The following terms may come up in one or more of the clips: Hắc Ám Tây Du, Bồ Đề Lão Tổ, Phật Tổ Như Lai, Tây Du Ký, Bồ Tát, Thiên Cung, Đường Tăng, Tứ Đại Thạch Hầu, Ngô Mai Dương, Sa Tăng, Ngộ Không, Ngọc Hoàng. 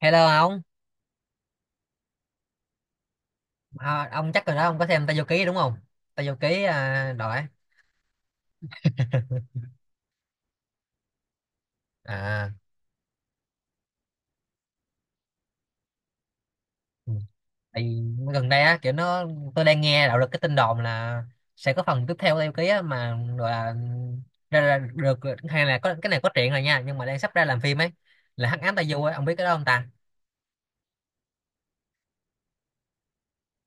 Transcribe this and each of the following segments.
Hello ông, à, ông chắc rồi đó ông có xem Tây Du Ký đúng không? Tây Du Ký à, đội á. À, ừ. Tại vì gần đây á kiểu nó tôi đang nghe đạo được cái tin đồn là sẽ có phần tiếp theo Tây Du Ký á mà gọi là ra được, hay là có cái này có truyện rồi nha nhưng mà đang sắp ra làm phim ấy, là Hắc Ám Tây Du ấy, ông biết cái đó không ta?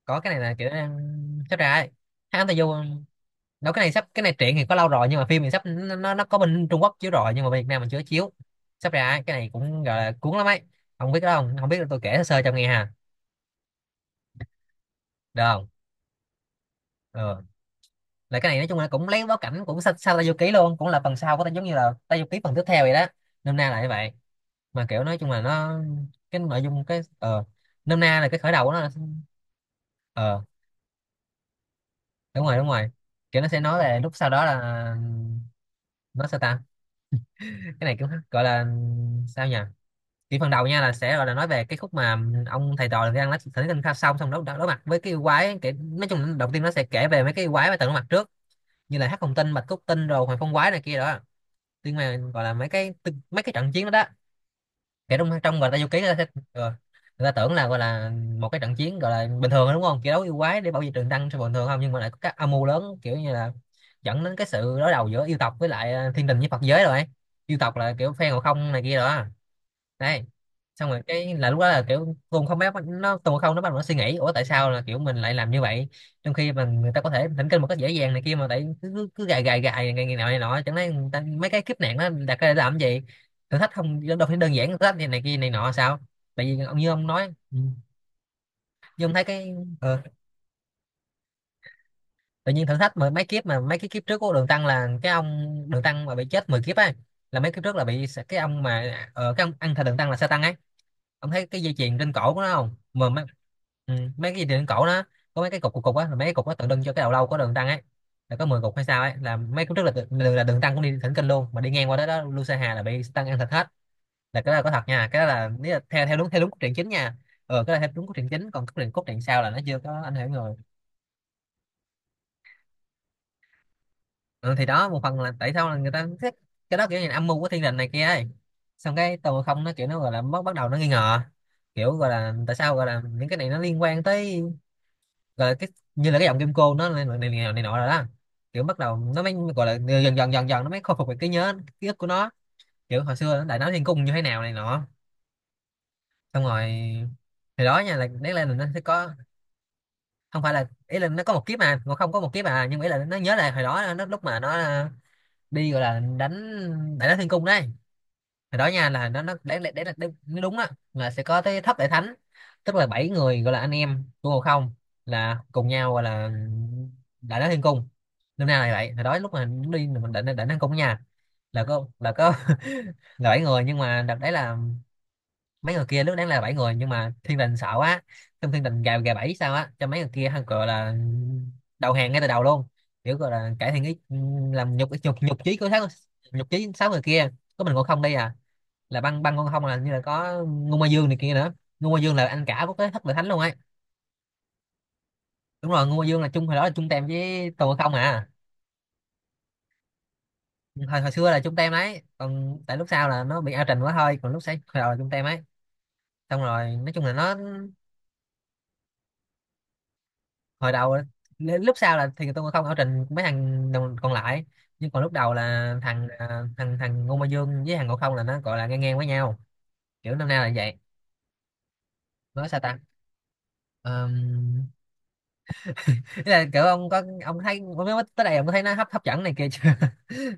Có cái này là kiểu đang sắp ra ấy. Hắc Ám Tây Du đâu cái này sắp cái này truyện thì có lâu rồi nhưng mà phim thì sắp, nó có bên Trung Quốc chiếu rồi nhưng mà bên Việt Nam mình chưa chiếu, sắp ra ấy, cái này cũng gọi là cuốn lắm ấy, không biết đó không không biết, tôi kể sơ sơ cho nghe ha, được không? Ừ. Là cái này nói chung là cũng lấy bối cảnh cũng sau sao Tây Du Ký luôn, cũng là phần sau của ta, giống như là Tây Du Ký phần tiếp theo vậy đó, nôm na là như vậy. Mà kiểu nói chung là nó cái nội dung cái nôm na là cái khởi đầu của nó ờ đúng rồi đúng rồi, kiểu nó sẽ nói về lúc sau đó là nó sao ta, cái này cũng gọi là sao nhỉ, thì phần đầu nha là sẽ gọi là nói về cái khúc mà ông thầy trò đang nói thỉnh kinh kha xong xong đối mặt với cái yêu quái kể, nói chung là đầu tiên nó sẽ kể về mấy cái yêu quái mà từng đối mặt trước, như là hắc hồng tinh bạch cốt tinh rồi hoàng phong quái này kia đó. Nhưng mà gọi là mấy cái mấy cái trận chiến đó đó, kể trong trong gọi là vô ký, người ta, sẽ, người ta tưởng là gọi là một cái trận chiến gọi là bình thường thôi đúng không, kiểu đấu yêu quái để bảo vệ trường đăng cho bình thường không, nhưng mà lại có các âm mưu lớn, kiểu như là dẫn đến cái sự đối đầu giữa yêu tộc với lại thiên đình với Phật giới rồi ấy. Yêu tộc là kiểu phe ngộ không này kia đó đấy. Xong rồi cái là lúc đó là kiểu Tùng không biết nó Tùng không nó bắt đầu nó suy nghĩ, ủa tại sao là kiểu mình lại làm như vậy, trong khi mà người ta có thể thỉnh kinh một cách dễ dàng này kia, mà tại cứ cứ, cứ gài gài gài ngày ngày nào này nọ, chẳng lẽ người ta, mấy cái kiếp nạn nó đặt ra để làm cái gì, thử thách không, đâu phải đơn giản thử thách này, này kia này nọ sao, tại vì ông như ông nói ừ. Như ông thấy cái ờ, tự nhiên thử thách mười mấy kiếp, mà mấy cái kiếp trước của Đường Tăng là cái ông Đường Tăng mà bị chết 10 kiếp ấy, là mấy kiếp trước là bị cái ông mà cái ông ăn thịt Đường Tăng là Sa Tăng ấy, ông thấy cái dây chuyền trên cổ của nó không mà mấy, ừ, mấy cái dây chuyền trên cổ nó có mấy cái cục cục cục á, là mấy cái cục nó tượng trưng cho cái đầu lâu của Đường Tăng ấy, là có 10 cục hay sao ấy, là mấy kiếp trước là là Đường Tăng cũng đi thỉnh kinh luôn mà đi ngang qua đó đó Lu Sa Hà là bị Sa Tăng ăn thịt hết, là cái đó là có thật nha, cái đó là nếu là theo theo đúng cốt truyện chính nha. Cái đó là theo đúng cốt truyện chính, còn cốt truyện sau là nó chưa có ảnh hưởng người. Ừ, thì đó một phần là tại sao là người ta thích cái đó, kiểu như là âm mưu của thiên đình này kia ấy. Xong cái tàu không nó kiểu nó gọi là bắt bắt đầu nó nghi ngờ, kiểu gọi là tại sao gọi là những cái này nó liên quan tới gọi là cái như là cái giọng kim cô nó này nọ rồi đó, kiểu bắt đầu nó mới gọi là dần dần nó mới khôi phục được cái nhớ ký ức của nó, kiểu hồi xưa nó đại náo thiên cung như thế nào này nọ. Xong rồi thì đó nha là đấy là nó sẽ có, không phải là ý là nó có một kiếp, mà nó không có một kiếp à, nhưng mà ý là nó nhớ lại hồi đó nó lúc mà nó đi gọi là đánh đại náo thiên cung đấy. Hồi đó nha là nó đấy đấy đấy là đúng nó đúng á, là sẽ có tới thất đại thánh, tức là bảy người gọi là anh em của Ngộ Không, là cùng nhau gọi là đại náo thiên cung, lúc nay là vậy, hồi đó lúc mà đi mình đại đại náo thiên cung nha, là có là bảy người, nhưng mà đợt đấy là mấy người kia, lúc nãy là bảy người nhưng mà thiên đình sợ quá, trong thiên đình gà gà bảy sao á cho mấy người kia hăng gọi là đầu hàng ngay từ đầu luôn, kiểu gọi là cải thiện ý làm nhục nhục nhục chí của sáu, nhục chí sáu người kia, có mình ngộ không đây à, là băng băng ngộ không là như là có ngu ma dương này kia nữa. Ngu ma dương là anh cả của cái thất vệ thánh luôn ấy, đúng rồi, ngu ma dương là chung hồi đó là chung tem với tù ngộ không à. Hồi hồi xưa là chung tem đấy, còn tại lúc sau là nó bị ao trình quá thôi, còn lúc sáng hồi đầu là chung tem ấy. Xong rồi nói chung là nó hồi đầu á, nên lúc sau là thì tôi không ở trình mấy thằng còn lại, nhưng còn lúc đầu là thằng à, thằng thằng Ngô Mai Dương với thằng Ngộ Không là nó gọi là ngang ngang với nhau, kiểu năm nay là vậy, nói sao ta, um, là kiểu ông có ông thấy ông nói tới đây ông có thấy nó hấp hấp dẫn này kia chưa?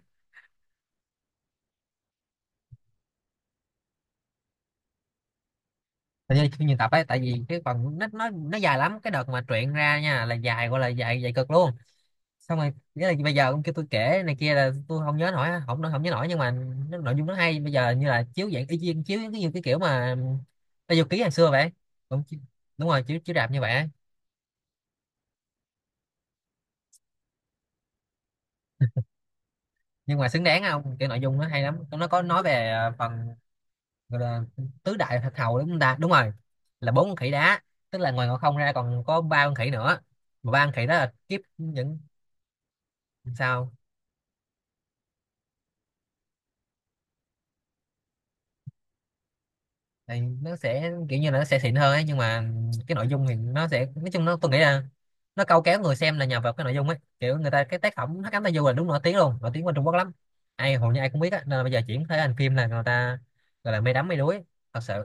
Hình như phim nhiều tập ấy, tại vì cái phần nó dài lắm, cái đợt mà truyện ra nha là dài, gọi là dài dài cực luôn, xong rồi nghĩa là bây giờ ông kêu tôi kể này kia là tôi không nhớ nổi, không không nhớ nổi nhưng mà nó, nội dung nó hay, bây giờ như là chiếu dạng y chang chiếu cái như cái kiểu mà bao nhiêu ký ngày xưa vậy. cũng chi- đúng rồi, chiếu chiếu rạp như vậy á. Nhưng mà xứng đáng không, cái nội dung nó hay lắm, nó có nói về à, phần gọi là tứ đại thạch hầu đúng không ta, đúng rồi, là bốn con khỉ đá, tức là ngoài ngọn không ra còn có ba con khỉ nữa, mà ba con khỉ đó là kiếp những sao, tại nó sẽ kiểu như là nó sẽ xịn hơn ấy, nhưng mà cái nội dung thì nó sẽ nói chung nó tôi nghĩ là nó câu kéo người xem là nhờ vào cái nội dung ấy, kiểu người ta cái tác phẩm Hắc Ám Tai Du là đúng nổi tiếng luôn, nổi tiếng qua Trung Quốc lắm, ai hầu như ai cũng biết á, nên là bây giờ chuyển thể thành phim là người ta gọi là mê đắm mê đuối thật sự.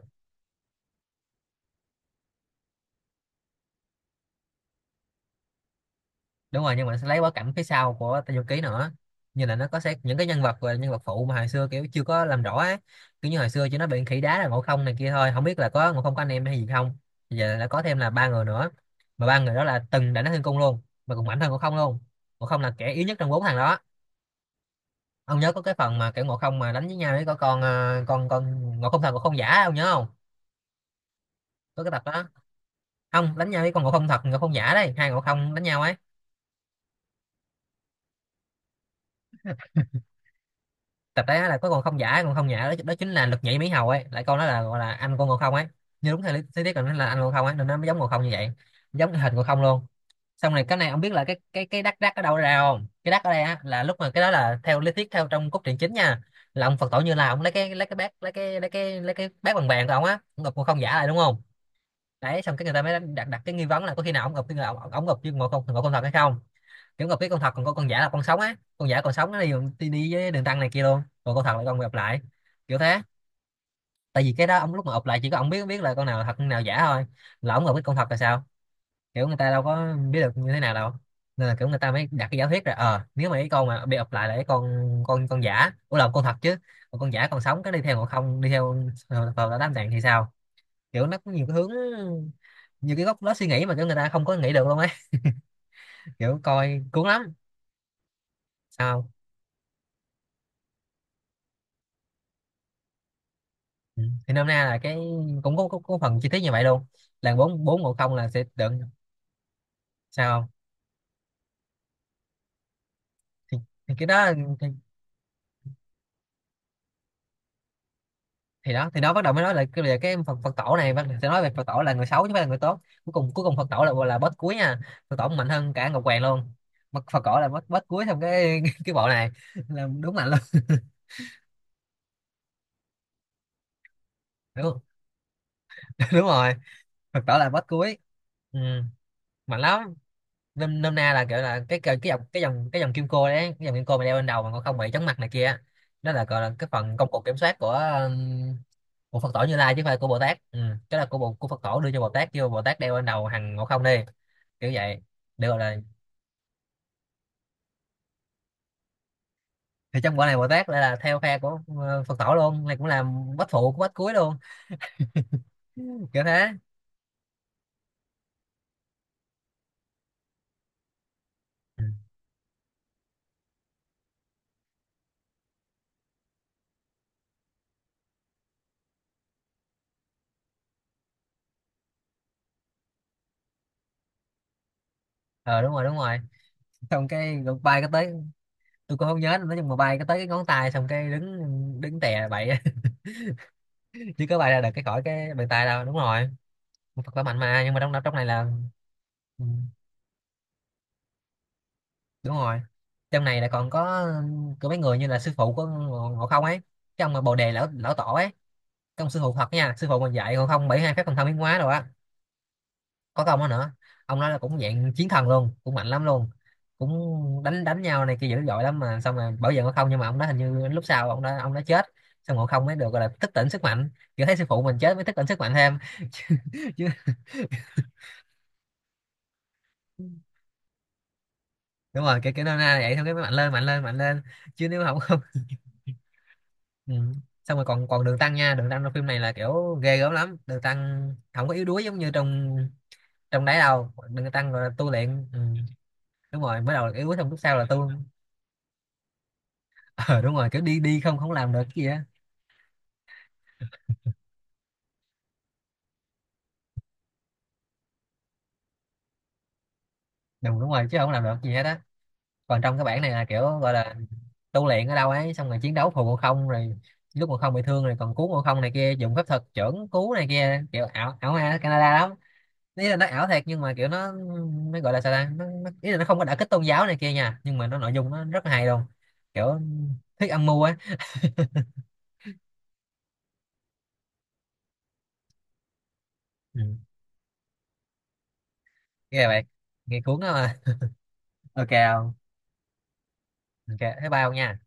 Đúng rồi, nhưng mà nó sẽ lấy bối cảnh phía sau của Tây Du Ký nữa, như là nó có sẽ những cái nhân vật và nhân vật phụ mà hồi xưa kiểu chưa có làm rõ á, kiểu như hồi xưa chỉ nó bị khỉ đá là Ngộ Không này kia thôi, không biết là có Ngộ Không có anh em hay gì không. Bây giờ đã có thêm là ba người nữa, mà ba người đó là từng đánh Thiên Cung luôn, mà cũng mạnh hơn Ngộ Không luôn, Ngộ Không là kẻ yếu nhất trong bốn thằng đó. Ông nhớ có cái phần mà kiểu Ngộ Không mà đánh với nhau với có con con Ngộ Không thật Ngộ Không giả, ông nhớ không, có cái tập đó không, đánh nhau với con Ngộ Không thật Ngộ Không giả đấy, hai Ngộ Không đánh nhau ấy, tập đấy á là có con không giả con không nhả đó, đó chính là lực nhảy Mỹ Hầu ấy, lại con đó là gọi là anh con Ngộ Không ấy. Như đúng theo lý lý thuyết là nó là anh Ngộ Không ấy nên nó mới giống Ngộ Không như vậy, giống cái hình Ngộ Không luôn. Xong này, cái này ông biết là cái đắc đắc ở đâu ra không? Cái đắc ở đây á là lúc mà cái đó, là theo lý thuyết theo trong cốt truyện chính nha, là ông Phật tổ Như Lai, ông lấy cái bát, lấy cái bát bằng vàng của ông á, ông ngụp Ngộ Không giả lại đúng không? Đấy, xong cái người ta mới đặt đặt cái nghi vấn là có khi nào ông ngụp cái ông ngụp như Ngộ Không, Ngộ Không thật hay không? Kiểu gặp cái con thật, còn có con giả, là con sống á, con giả còn sống nó đi, đi với đường tăng này kia luôn, còn con thật là con gặp lại, kiểu thế. Tại vì cái đó ông lúc mà ụp lại chỉ có ông biết, biết là con nào là thật con nào giả thôi, là ông gặp cái con thật là sao. Kiểu người ta đâu có biết được như thế nào đâu, nên là kiểu người ta mới đặt cái giả thuyết ra. Ờ Nếu mà cái con mà bị ụp lại là cái con, con giả, ủa là con thật chứ, còn con giả còn sống cái đi theo, còn không đi theo. Vào đã đám tạng thì sao? Kiểu nó có nhiều cái hướng, nhiều cái góc nó suy nghĩ mà kiểu người ta không có nghĩ được luôn ấy, kiểu coi cuốn lắm. Sao? Ừ. Thì nôm na là cái cũng có phần chi tiết như vậy luôn, là 4410 là sẽ đựng. Sao không? Thì, thì cái đó, thì, thì đó, thì đó bắt đầu mới nói là cái về cái Phật Phật tổ này, bắt đầu sẽ nói về Phật tổ là người xấu chứ không phải là người tốt. Cuối cùng, cuối cùng Phật tổ là boss cuối nha. Phật tổ mạnh hơn cả Ngọc Hoàng luôn, mà Phật tổ là boss cuối trong cái cái bộ này, là đúng mạnh luôn. Đúng, đúng rồi. Phật tổ là boss cuối, ừ, mạnh lắm. Nôm nôm na là kiểu là cái dòng kim cô đấy, cái dòng kim cô mà đeo bên đầu mà còn không bị chóng mặt này kia á, đó là gọi là cái phần công cụ kiểm soát của Phật tổ Như Lai, chứ không phải của Bồ Tát. Ừ. Cái là của bộ của Phật tổ đưa cho Bồ Tát, kêu Bồ Tát đeo bên đầu hằng ngộ không đi, kiểu vậy. Được rồi, là thì trong quả này Bồ Tát lại là theo phe của Phật tổ luôn, này cũng là bách phụ của bách cuối luôn. Kiểu thế. Ừ. Ờ đúng rồi, đúng rồi, xong cái bay cái tới. Tôi cũng không nhớ nữa, nhưng mà bay cái tới cái ngón tay xong cái đứng đứng tè bậy á, chứ có bay ra được cái khỏi cái bàn tay đâu. Đúng rồi, một Phật khỏe mạnh mà, nhưng mà trong trong này là ừ, đúng rồi. Trong này là còn có mấy người như là sư phụ của Ngộ Ngộ Không ấy, cái ông mà Bồ Đề lão lão tổ ấy, cái ông sư phụ Phật nha, sư phụ mình dạy Ngộ Không 72 phép thần thông biến hóa rồi á, có công đó nữa. Ông nói là cũng dạng chiến thần luôn, cũng mạnh lắm luôn, cũng đánh đánh nhau này kia dữ dội lắm, mà xong rồi bảo vệ Ngộ Không, nhưng mà ông đó hình như lúc sau ông đó chết, xong Ngộ Không mới được gọi là thức tỉnh sức mạnh, kiểu thấy sư phụ mình chết mới thức tỉnh sức mạnh thêm. Chứ đúng rồi, cái nôm na này vậy thôi, cái mạnh lên, mạnh lên, mạnh lên. Chứ nếu không, không. Ừ. Xong rồi còn, còn đường tăng nha, đường tăng trong phim này là kiểu ghê gớm lắm, đường tăng không có yếu đuối giống như trong trong đấy đâu, đường tăng gọi là tu luyện. Ừ. Đúng rồi, mới đầu là yếu đuối xong lúc sau là tu. Ờ đúng rồi, kiểu đi đi không, không làm được cái gì á. Đúng đúng rồi, chứ không làm được gì hết á. Còn trong cái bản này là kiểu gọi là tu luyện ở đâu ấy, xong rồi chiến đấu phù Ngộ Không rồi, lúc Ngộ Không bị thương rồi còn cứu Ngộ Không này kia, dùng phép thuật chưởng cứu này kia, kiểu ảo ảo ma Canada lắm. Ý là nó ảo thiệt nhưng mà kiểu nó gọi là sao ta, nó ý là nó không có đả kích tôn giáo này kia nha, nhưng mà nó nội dung nó rất là hay luôn, kiểu thuyết âm mưu á. Ừ. Ghê vậy, nghe cuốn đó mà. Ok không? Ok, thấy bao nha.